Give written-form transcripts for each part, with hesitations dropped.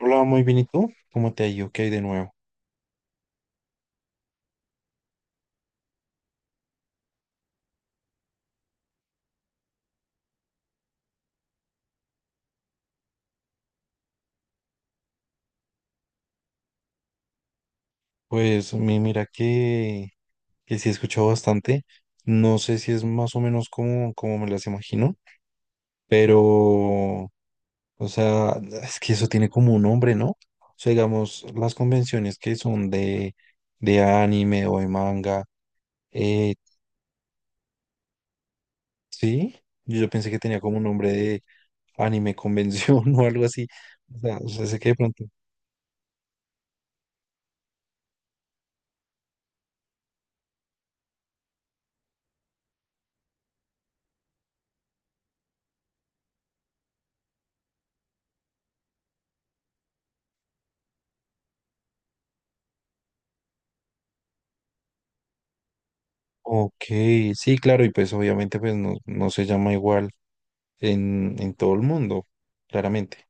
Hola, muy bien, ¿y tú? ¿Cómo te ha ido? ¿Qué hay de nuevo? Pues mira que sí he escuchado bastante. No sé si es más o menos como, como me las imagino, pero, o sea, es que eso tiene como un nombre, ¿no? O sea, digamos, las convenciones que son de anime o de manga, eh, sí, yo pensé que tenía como un nombre de anime convención o algo así. O sea, sé que de pronto. Ok, sí, claro, y pues obviamente pues no, no se llama igual en todo el mundo, claramente.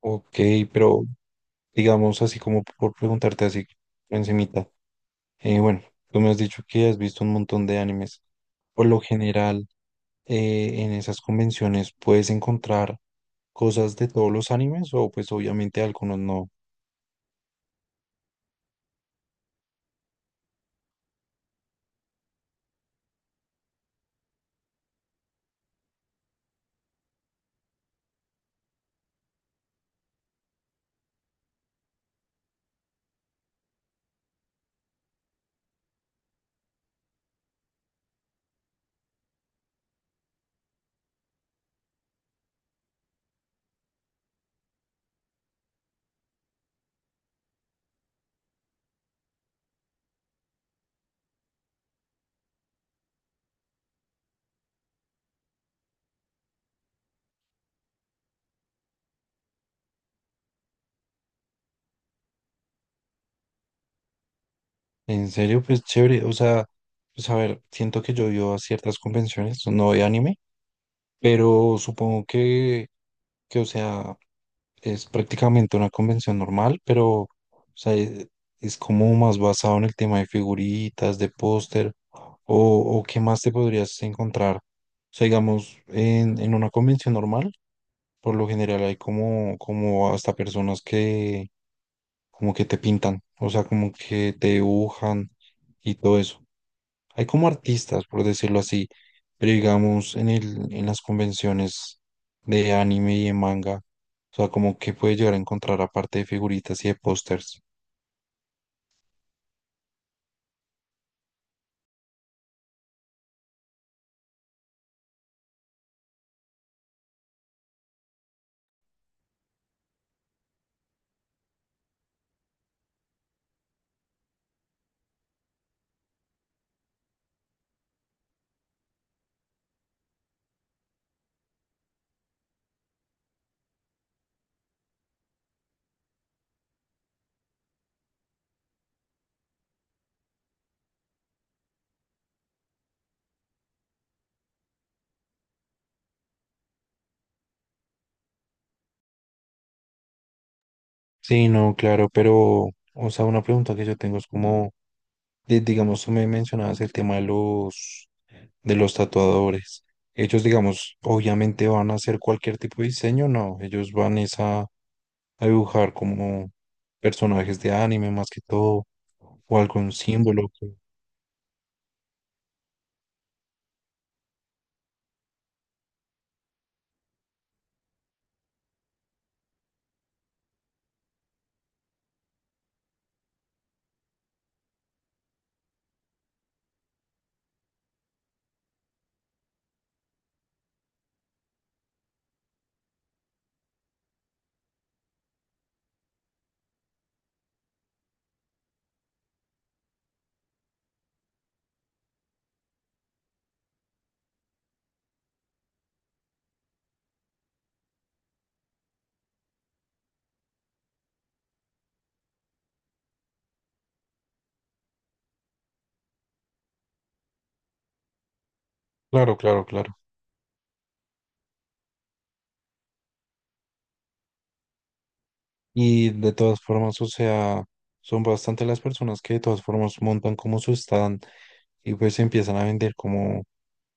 Ok, pero digamos así como por preguntarte así encimita. Bueno, tú me has dicho que has visto un montón de animes. Por lo general, en esas convenciones puedes encontrar cosas de todos los animes o pues obviamente algunos no. En serio, pues chévere. O sea, pues a ver, siento que yo he ido a ciertas convenciones, no de anime, pero supongo que o sea, es prácticamente una convención normal, pero o sea, es como más basado en el tema de figuritas, de póster, o qué más te podrías encontrar. O sea, digamos, en una convención normal, por lo general hay como, como hasta personas que como que te pintan, o sea, como que te dibujan y todo eso. Hay como artistas, por decirlo así, pero digamos en el, en las convenciones de anime y de manga, o sea, como que puede llegar a encontrar aparte de figuritas y de pósters. Sí, no, claro, pero, o sea, una pregunta que yo tengo es como, digamos, tú me mencionabas el tema de los tatuadores. Ellos, digamos, obviamente van a hacer cualquier tipo de diseño, no, ellos van es a dibujar como personajes de anime más que todo, o algún símbolo. Claro, claro, claro. Y de todas formas, o sea, son bastante las personas que de todas formas montan como su stand y pues empiezan a vender como,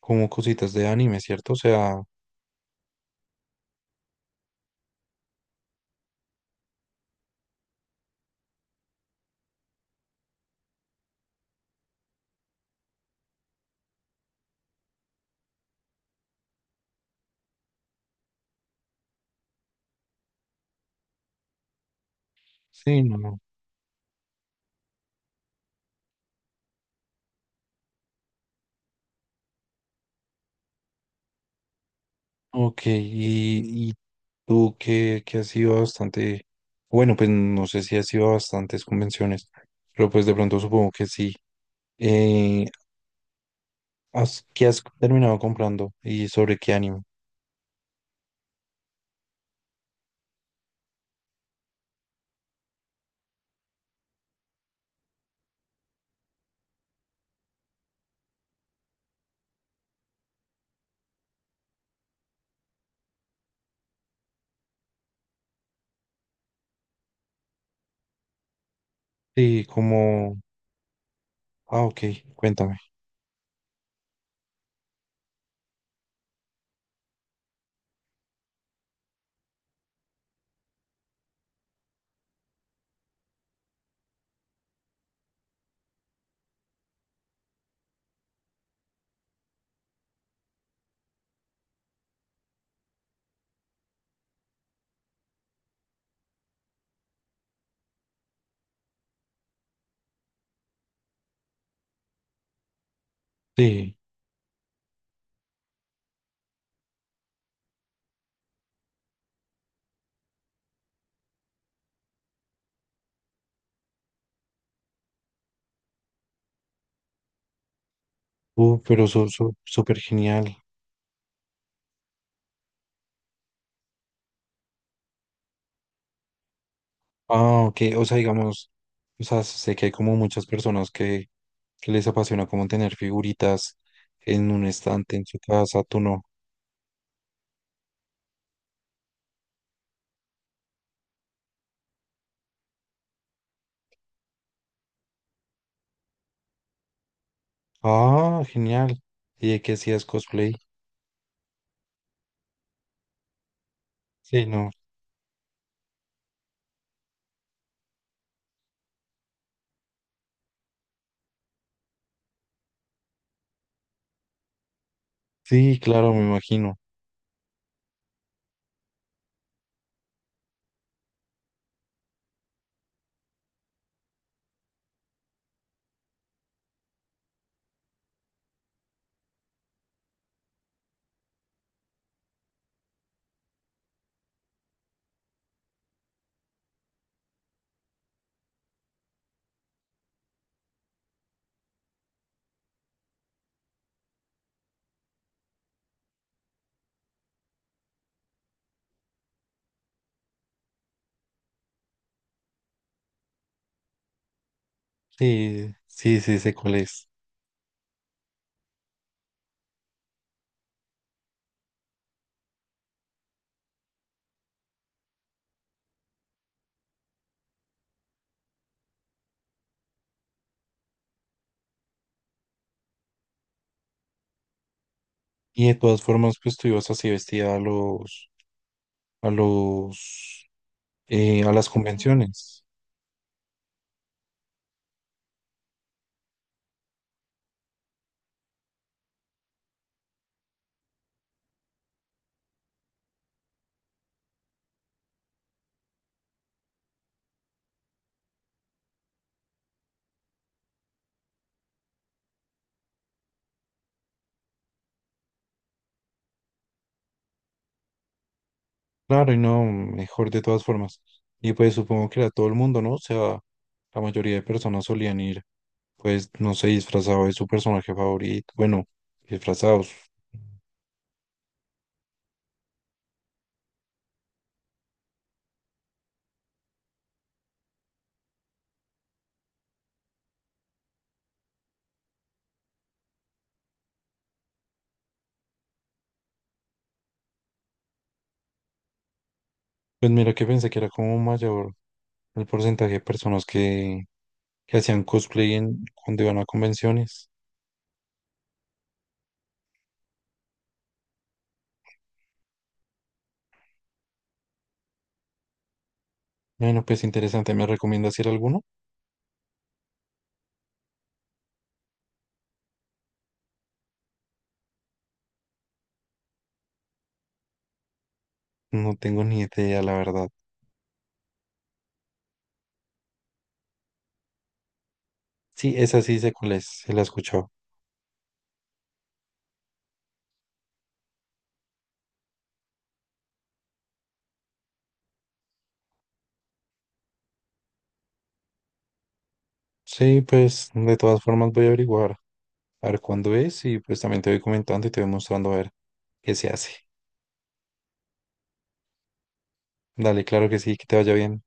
como cositas de anime, ¿cierto? O sea, sí, no. No. Ok, y tú que has ido a bastante, bueno, pues no sé si has ido a bastantes convenciones, pero pues de pronto supongo que sí. Eh, ¿Qué has terminado comprando y sobre qué anime? Sí, como, ah, ok, cuéntame. Sí. Pero eso súper genial. Ah, ok. O sea, digamos, o sea, sé que hay como muchas personas que les apasiona como tener figuritas en un estante en su casa, tú no. Ah, genial. ¿Y de qué hacías cosplay? Sí, no. Sí, claro, me imagino. Sí, sí, sí, sé cuál es. Y de todas formas, pues tú ibas así vestida a los, a los, a las convenciones. Claro, y no, mejor de todas formas. Y pues supongo que era todo el mundo, ¿no? O sea, la mayoría de personas solían ir, pues, no sé, disfrazado de su personaje favorito. Bueno, disfrazados. Pues mira que pensé que era como mayor el porcentaje de personas que hacían cosplay cuando iban a convenciones. Bueno, pues interesante. ¿Me recomiendas ir a alguno? No tengo ni idea, la verdad. Sí, esa sí sé cuál es, se la he escuchado. Sí, pues, de todas formas voy a averiguar, a ver cuándo es y pues también te voy comentando y te voy mostrando a ver que se hace. Dale, claro que sí, que te vaya bien.